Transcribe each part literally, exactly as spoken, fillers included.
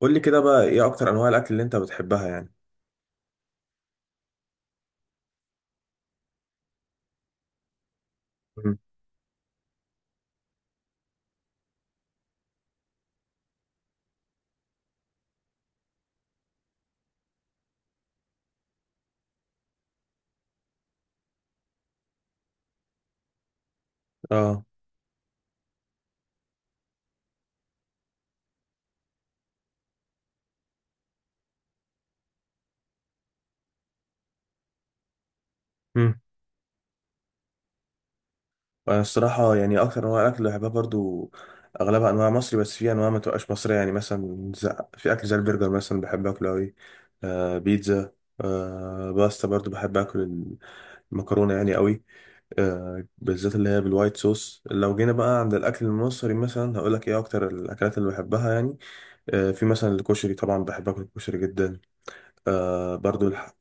قول لي كده بقى ايه اكتر انواع الاكل اللي انت بتحبها يعني؟ مم. اه. مم. انا الصراحه يعني اكتر انواع الاكل اللي بحبها برضو اغلبها انواع مصري، بس في انواع ما تبقاش مصريه، يعني مثلا ز- في اكل زي البرجر مثلا بحب اكله قوي. آه بيتزا. آه باستا برضو بحب اكل المكرونه يعني قوي، آه بالذات اللي هي بالوايت صوص. لو جينا بقى عند الاكل المصري مثلا هقول لك ايه اكتر الاكلات اللي بحبها يعني. آه في مثلا الكشري، طبعا بحب اكل الكشري جدا. آه برضو الح...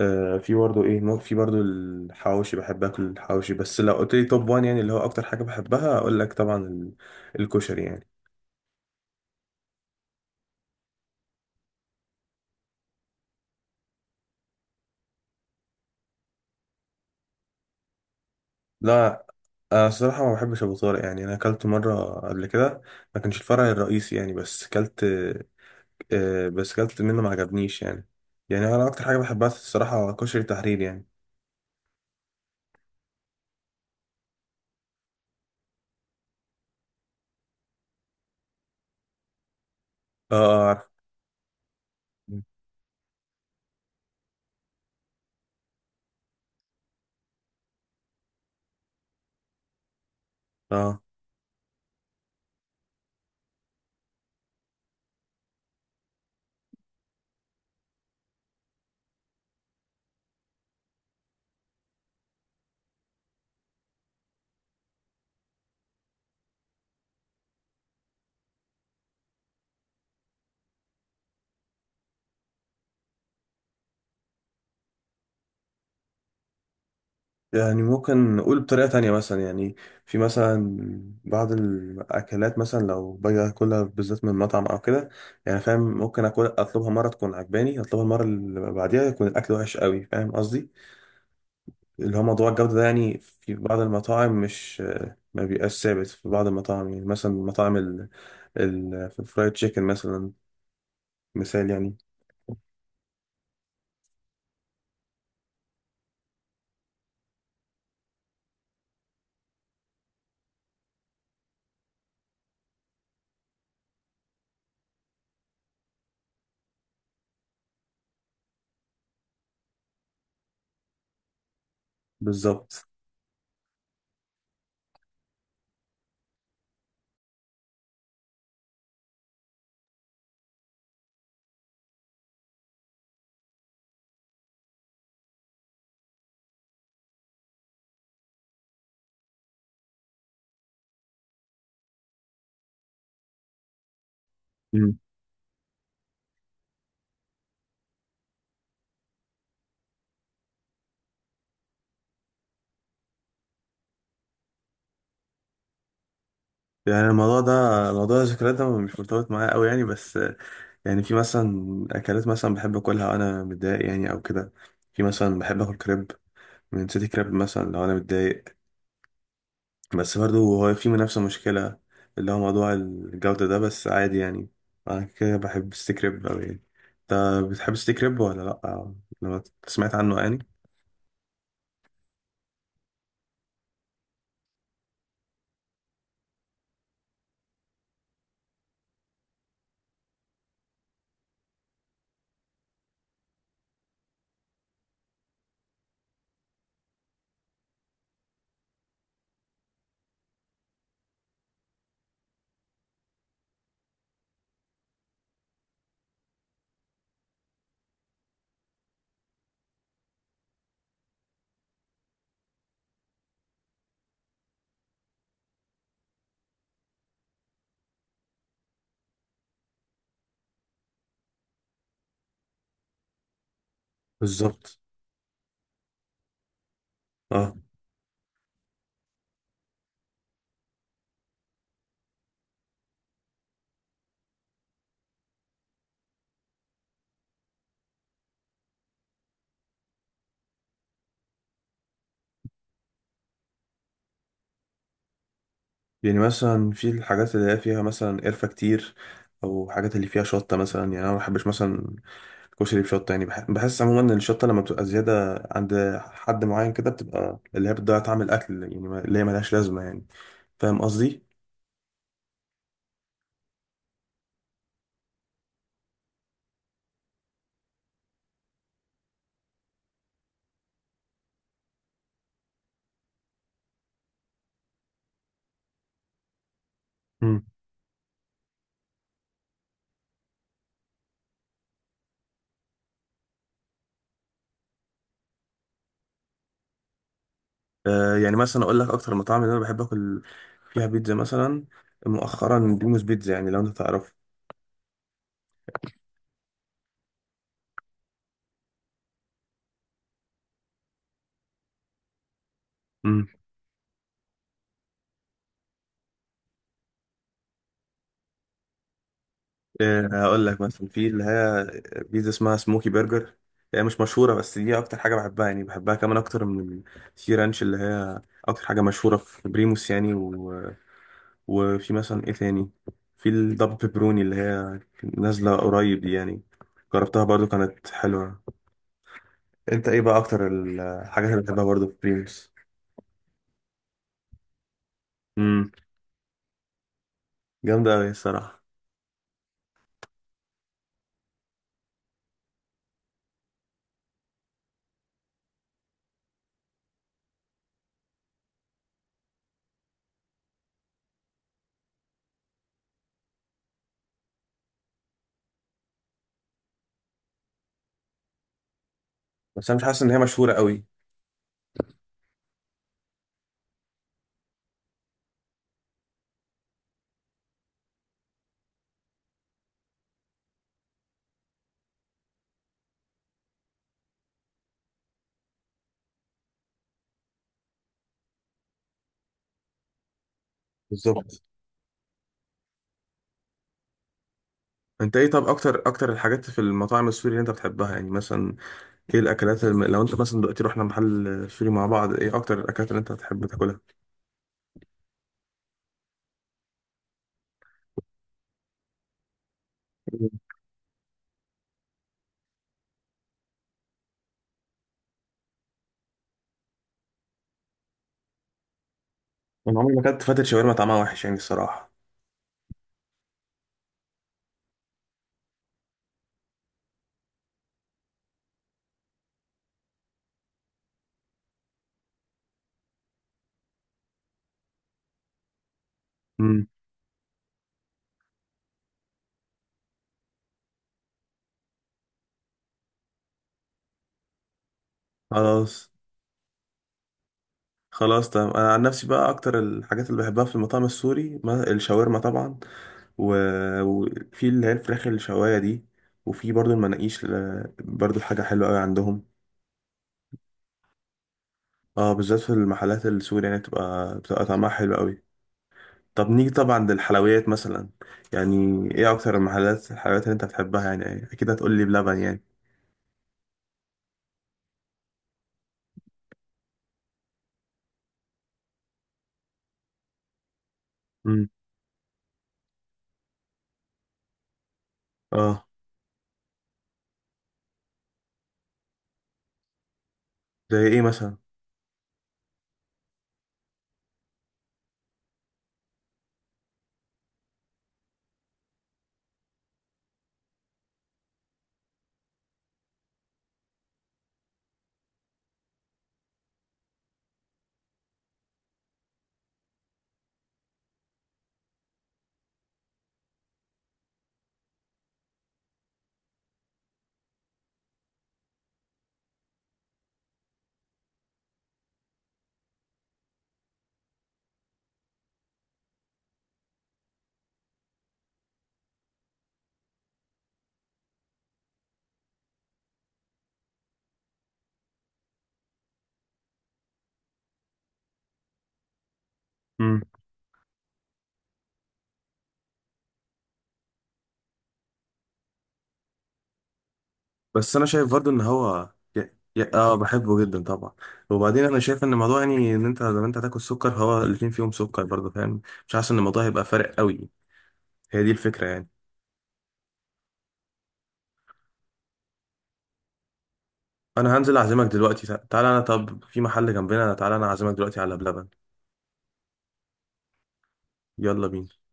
آه في برضه ايه، ممكن في برضه الحواوشي، بحب اكل الحواوشي. بس لو قلت لي توب وان يعني اللي هو اكتر حاجه بحبها اقول لك طبعا ال- الكشري يعني. لا، انا الصراحه ما بحبش ابو طارق يعني. انا اكلت مره قبل كده، ما كانش الفرع الرئيسي يعني، بس اكلت. آه بس اكلت منه ما عجبنيش يعني. يعني انا اكتر حاجه بحبها الصراحه كشري تحرير يعني. اه، اه، عارف، اه. يعني ممكن نقول بطريقة تانية مثلا يعني، في مثلا بعض الأكلات مثلا لو باجي أكلها بالذات من مطعم أو كده، يعني فاهم، ممكن أكل أطلبها مرة تكون عجباني أطلبها المرة اللي بعديها يكون الأكل وحش قوي، فاهم قصدي؟ اللي هو موضوع الجودة ده، يعني في بعض المطاعم مش، ما بيبقاش ثابت في بعض المطاعم، يعني مثلا مطاعم ال- ال- في الفرايد تشيكن مثلا، مثال يعني. بالظبط. مم. يعني الموضوع ده، موضوع الذكريات ده مش مرتبط معايا قوي يعني، بس آه، يعني في مثلا اكلات مثلا بحب اكلها وانا متضايق يعني او كده. في مثلا بحب اكل كريب من سيتي كريب مثلا لو انا متضايق، بس برضه هو في منافسة مشكلة اللي هو موضوع الجودة ده، بس عادي يعني. أنا كده بحب ستيك ريب أوي يعني. أنت بتحب ستيك ريب ولا لأ؟ لما سمعت عنه يعني. بالظبط. اه. يعني مثلا في الحاجات اللي هي فيها مثلا قرفة كتير، أو حاجات اللي فيها شطة مثلا، يعني أنا ما بحبش مثلا الكشري بشطة يعني. بح- بحس عموما إن الشطة لما بتبقى زيادة عند حد معين كده بتبقى اللي هي بتضيع طعم الأكل يعني، ما- اللي هي ملهاش لازمة يعني. فاهم قصدي؟ آه، يعني مثلا اقول لك اكتر المطاعم اللي انا بحب اكل فيها بيتزا مثلا، مؤخرا دوموس بيتزا، يعني لو انت تعرف. امم آه، هقول لك مثلا في اللي هي بيتزا اسمها سموكي برجر، هي مش مشهوره بس دي اكتر حاجه بحبها يعني، بحبها كمان اكتر من السي رانش اللي هي اكتر حاجه مشهوره في بريموس يعني. و... وفي مثلا ايه تاني، في الدبل بيبروني اللي هي نازله قريب دي يعني، جربتها برضو كانت حلوه. انت ايه بقى اكتر الحاجات اللي بتحبها برضو في بريموس؟ امم جامده قوي الصراحه. بس انا مش حاسس ان هي مشهوره قوي. بالظبط. انت ايه طب اكتر اكتر الحاجات في المطاعم السوري اللي انت بتحبها يعني؟ مثلا ايه الاكلات الم... لو انت مثلا دلوقتي رحنا محل سوري مع بعض ايه اكتر الاكلات اللي انت بتحب تاكلها؟ مم. انا عمري ما اكلت فتة شاورما، طعمها وحش يعني الصراحه. امم خلاص خلاص تمام. انا عن نفسي بقى اكتر الحاجات اللي بحبها في المطاعم السوري ما- الشاورما طبعا، و... وفي اللي هي الفراخ الشوايه دي، وفي برضو المناقيش، ل- برضو حاجه حلوه قوي عندهم. اه، بالذات في المحلات السوري يعني بتبقى بتبقى طعمها حلو قوي. طب نيجي طبعا للحلويات مثلا، يعني ايه اكتر المحلات الحلويات اللي انت بتحبها يعني؟ اكيد هتقول لي بلبن يعني. امم اه. زي ايه مثلا؟ امم بس انا شايف برضو ان هو ي- ي- اه، بحبه جدا طبعا. وبعدين انا شايف ان الموضوع يعني ان انت لما انت هتاكل سكر هو الاتنين فيهم سكر برضو، فاهم؟ مش حاسس ان الموضوع هيبقى فارق قوي، هي دي الفكره يعني. انا هنزل اعزمك دلوقتي، تع- تعالى انا، طب في محل جنبنا، تعالى انا اعزمك دلوقتي على بلبن. يلا بينا.